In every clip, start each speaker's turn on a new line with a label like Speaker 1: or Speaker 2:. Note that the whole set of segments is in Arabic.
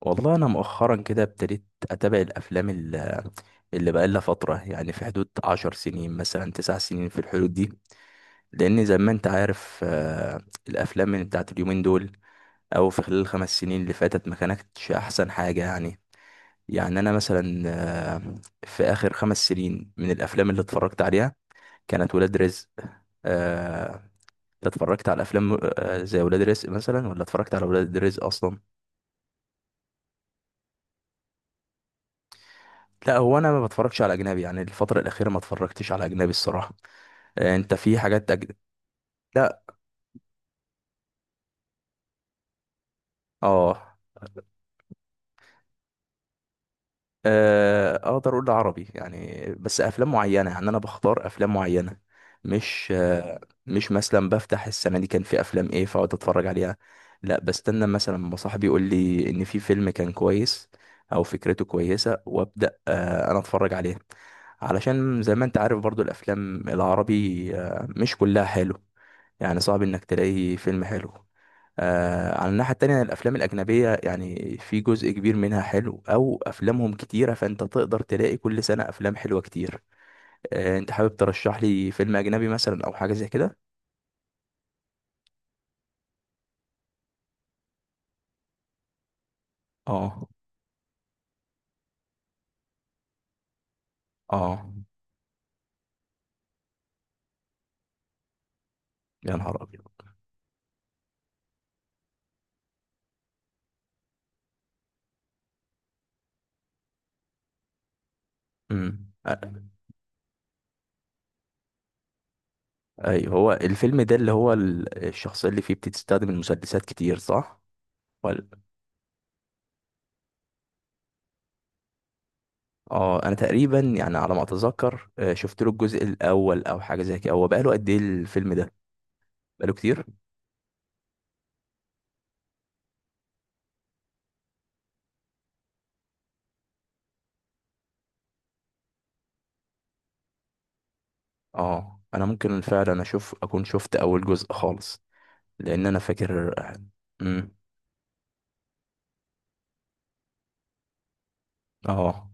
Speaker 1: والله انا مؤخرا كده ابتديت اتابع الافلام اللي بقى لها فتره، يعني في حدود 10 سنين مثلا 9 سنين في الحدود دي، لان زي ما انت عارف الافلام من بتاعت اليومين دول او في خلال الـ5 سنين اللي فاتت ما كانتش احسن حاجه يعني. يعني انا مثلا آه، في اخر 5 سنين من الافلام اللي اتفرجت عليها كانت ولاد رزق. آه. أنت اتفرجت على افلام زي ولاد رزق مثلا، ولا اتفرجت على ولاد رزق اصلا؟ لا، هو انا ما بتفرجش على اجنبي، يعني الفتره الاخيره ما اتفرجتش على اجنبي الصراحه. انت في حاجات أجنبي؟ لا. اه. اقدر اقول عربي يعني، بس افلام معينه، يعني انا بختار افلام معينه. مش آه، مش مثلا بفتح السنه دي كان في افلام ايه فاقعد اتفرج عليها. لا، بستنى مثلا ما صاحبي يقول لي ان في فيلم كان كويس او فكرته كويسه، وابدا انا اتفرج عليه. علشان زي ما انت عارف برضو الافلام العربي مش كلها حلو، يعني صعب انك تلاقي فيلم حلو. على الناحية التانية الأفلام الأجنبية، يعني في جزء كبير منها حلو، أو أفلامهم كتيرة فأنت تقدر تلاقي كل سنة أفلام حلوة كتير. أنت حابب ترشح لي فيلم أجنبي مثلا أو حاجة زي كده؟ آه. آه. يا نهار أبيض. امم أ- أيوه، هو الفيلم ده اللي هو الشخصية اللي فيه بتستخدم المسدسات كتير صح؟ ولا. اه، انا تقريبا يعني على ما اتذكر شفت له الجزء الاول او حاجه زي كده. هو بقاله قد ايه الفيلم ده؟ بقاله كتير. اه، انا ممكن فعلا اشوف اكون شفت اول جزء خالص، لان انا فاكر. امم اه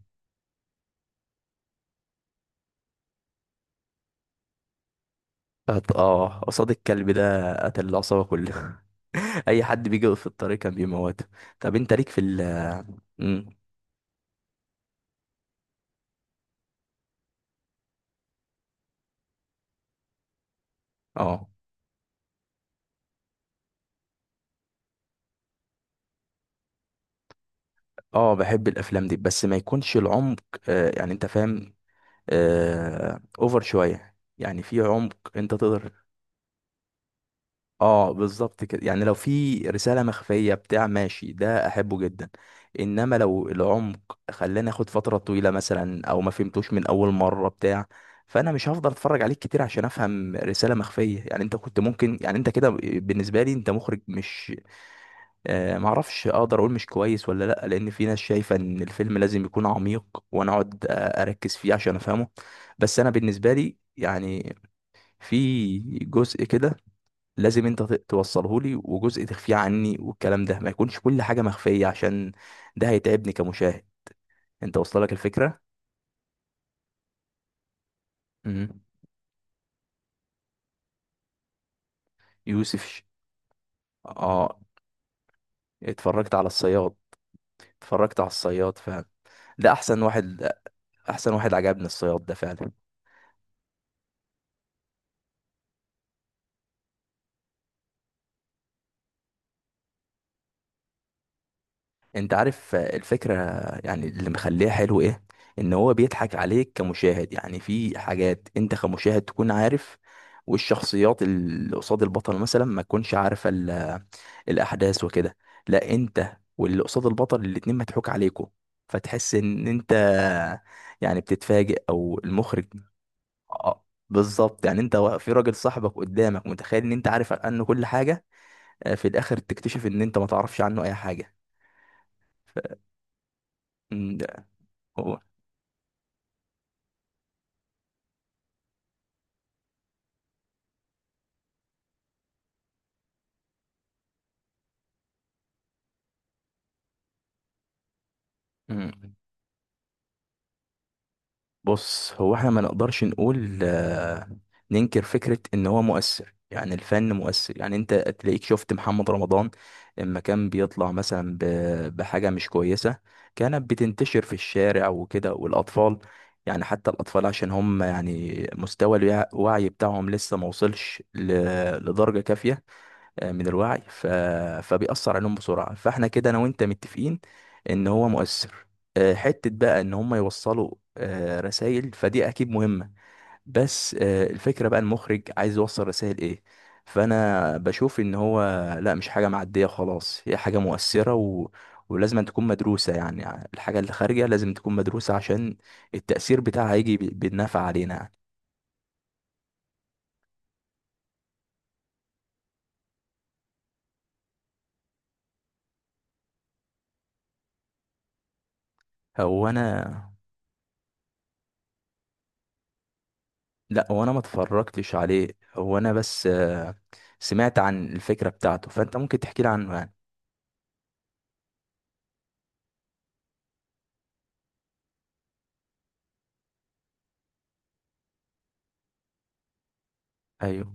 Speaker 1: اه، قصاد الكلب ده قتل العصابه كلها. اي حد بيجي يقف في الطريق كان بيموته. طب انت ليك في ال… مم. اه اه، بحب الافلام دي بس ما يكونش العمق. يعني انت فاهم. اوفر شويه، يعني في عمق انت تقدر. اه، بالظبط كده، يعني لو في رسالة مخفية بتاع ماشي ده احبه جدا. انما لو العمق خلاني اخد فترة طويلة مثلا، او ما فهمتوش من اول مرة بتاع، فانا مش هفضل اتفرج عليك كتير عشان افهم رسالة مخفية، يعني انت كنت ممكن يعني انت كده بالنسبة لي انت مخرج مش… معرفش اقدر اقول مش كويس ولا لا، لان في ناس شايفة ان الفيلم لازم يكون عميق، وانا اقعد اركز فيه عشان افهمه. بس انا بالنسبة لي يعني، في جزء كده لازم انت توصله لي، وجزء تخفيه عني، والكلام ده ما يكونش كل حاجه مخفيه، عشان ده هيتعبني كمشاهد، انت وصل لك الفكره. مم. يوسف ش… اه. اتفرجت على الصياد. اتفرجت على الصياد فعلا. ده احسن واحد. احسن واحد عجبني الصياد ده فعلا. انت عارف الفكرة يعني اللي مخليها حلو ايه؟ ان هو بيضحك عليك كمشاهد، يعني في حاجات انت كمشاهد تكون عارف، والشخصيات اللي قصاد البطل مثلا ما تكونش عارفة الاحداث وكده. لا، انت واللي قصاد البطل الاتنين مضحوك عليكوا، فتحس ان انت يعني بتتفاجئ او المخرج. اه، بالظبط، يعني انت في راجل صاحبك قدامك متخيل ان انت عارف عنه كل حاجة، في الاخر تكتشف ان انت ما تعرفش عنه اي حاجة. ف... مم، ده- مم. بص، هو احنا ما نقدرش نقول ننكر فكرة ان هو مؤثر، يعني الفن مؤثر، يعني انت تلاقيك شفت محمد رمضان لما كان بيطلع مثلا بحاجة مش كويسة، كانت بتنتشر في الشارع وكده والاطفال. يعني حتى الاطفال عشان هم يعني مستوى الوعي بتاعهم لسه ما وصلش لدرجة كافية من الوعي فبيأثر عليهم بسرعة. فاحنا كده انا وانت متفقين ان هو مؤثر. حتة بقى ان هم يوصلوا رسائل، فدي اكيد مهمة. بس الفكرة بقى المخرج عايز يوصل رسائل ايه. فانا بشوف ان هو، لا، مش حاجة معدية خلاص، هي حاجة مؤثرة و... ولازم أن تكون مدروسة، يعني الحاجة اللي خارجة لازم تكون مدروسة عشان التأثير بتاعها هيجي بالنفع علينا يعني. هو انا لا، هو انا ما اتفرجتش عليه. هو انا بس سمعت عن الفكرة بتاعته، فانت ممكن تحكي لي عنه يعني. ايوه،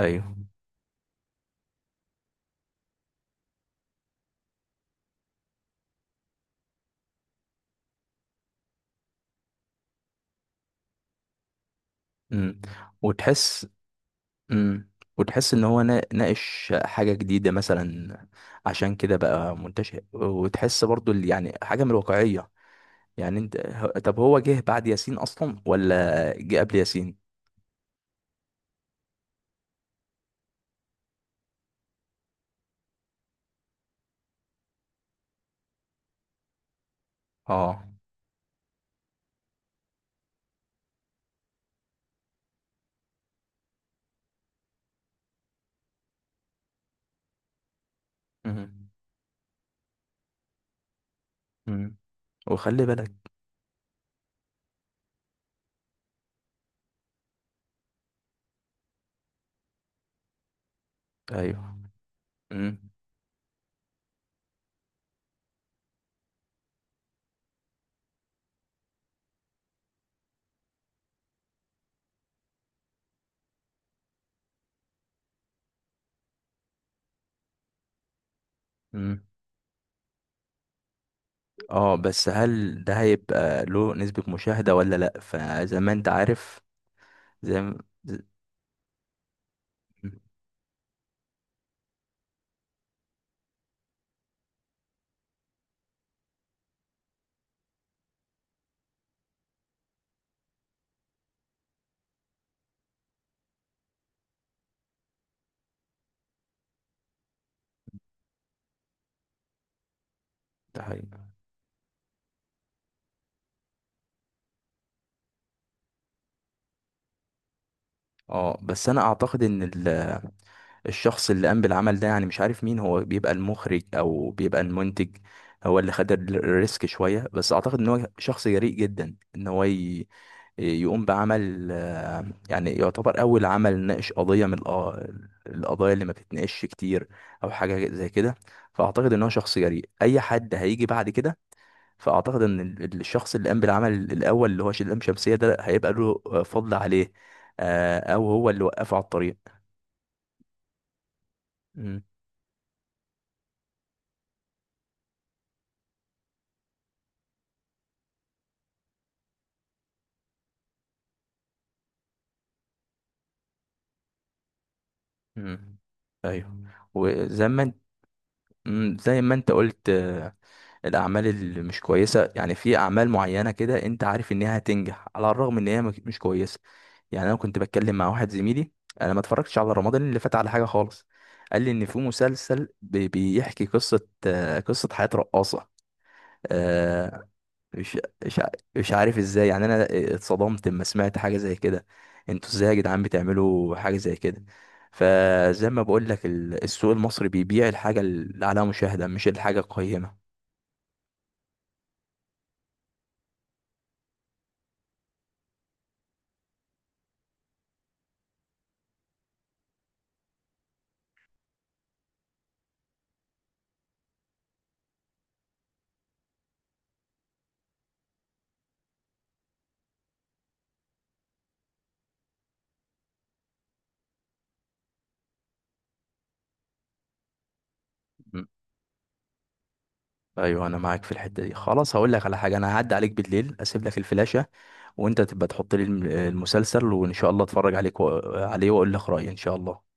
Speaker 1: ايوه. امم وتحس. امم وتحس ان هو ناقش حاجة جديدة مثلا، عشان كده بقى منتشر، وتحس برضو اللي يعني حاجة من الواقعية. يعني طب هو جه بعد ياسين اصلا ولا جه قبل ياسين؟ اه. امم امم وخلي بالك. ايوه. امم اه بس هل ده هيبقى له نسبة مشاهدة ولا لأ؟ فزي ما انت عارف. زي ما ز- ده حقيقة. اه، بس انا اعتقد ان الشخص اللي قام بالعمل ده، يعني مش عارف مين هو، بيبقى المخرج او بيبقى المنتج، هو اللي خد الريسك شوية. بس اعتقد ان هو شخص جريء جدا، ان هو يقوم بعمل يعني يعتبر اول عمل ناقش قضية من القضايا اللي ما بتتناقش كتير او حاجة زي كده. فاعتقد ان هو شخص جريء. اي حد هيجي بعد كده، فاعتقد ان الشخص اللي قام بالعمل الاول اللي هو شدام شمسية ده هيبقى له فضل عليه، او هو اللي وقفه على الطريق. مم. مم. ايوه. وزي ما انت مم، زي ما انت قلت الاعمال اللي مش كويسه، يعني في اعمال معينه كده انت عارف انها هتنجح على الرغم ان هي مش كويسه. يعني انا كنت بتكلم مع واحد زميلي، انا ما اتفرجتش على رمضان اللي فات على حاجه خالص، قال لي ان في مسلسل بيحكي قصه، قصه حياه رقاصه. مش مش ع- مش عارف ازاي، يعني انا اتصدمت لما سمعت حاجه زي كده. انتوا ازاي يا جدعان بتعملوا حاجه زي كده؟ فزي ما بقول لك السوق المصري بيبيع الحاجه اللي عليها مشاهده مش الحاجه القيمه. م. ايوه، انا معاك في الحته دي. خلاص، هقول لك على حاجه، انا هعدي عليك بالليل اسيب لك الفلاشه، وانت تبقى تحط لي المسلسل، وان شاء الله اتفرج عليه واقول لك رايي ان شاء الله.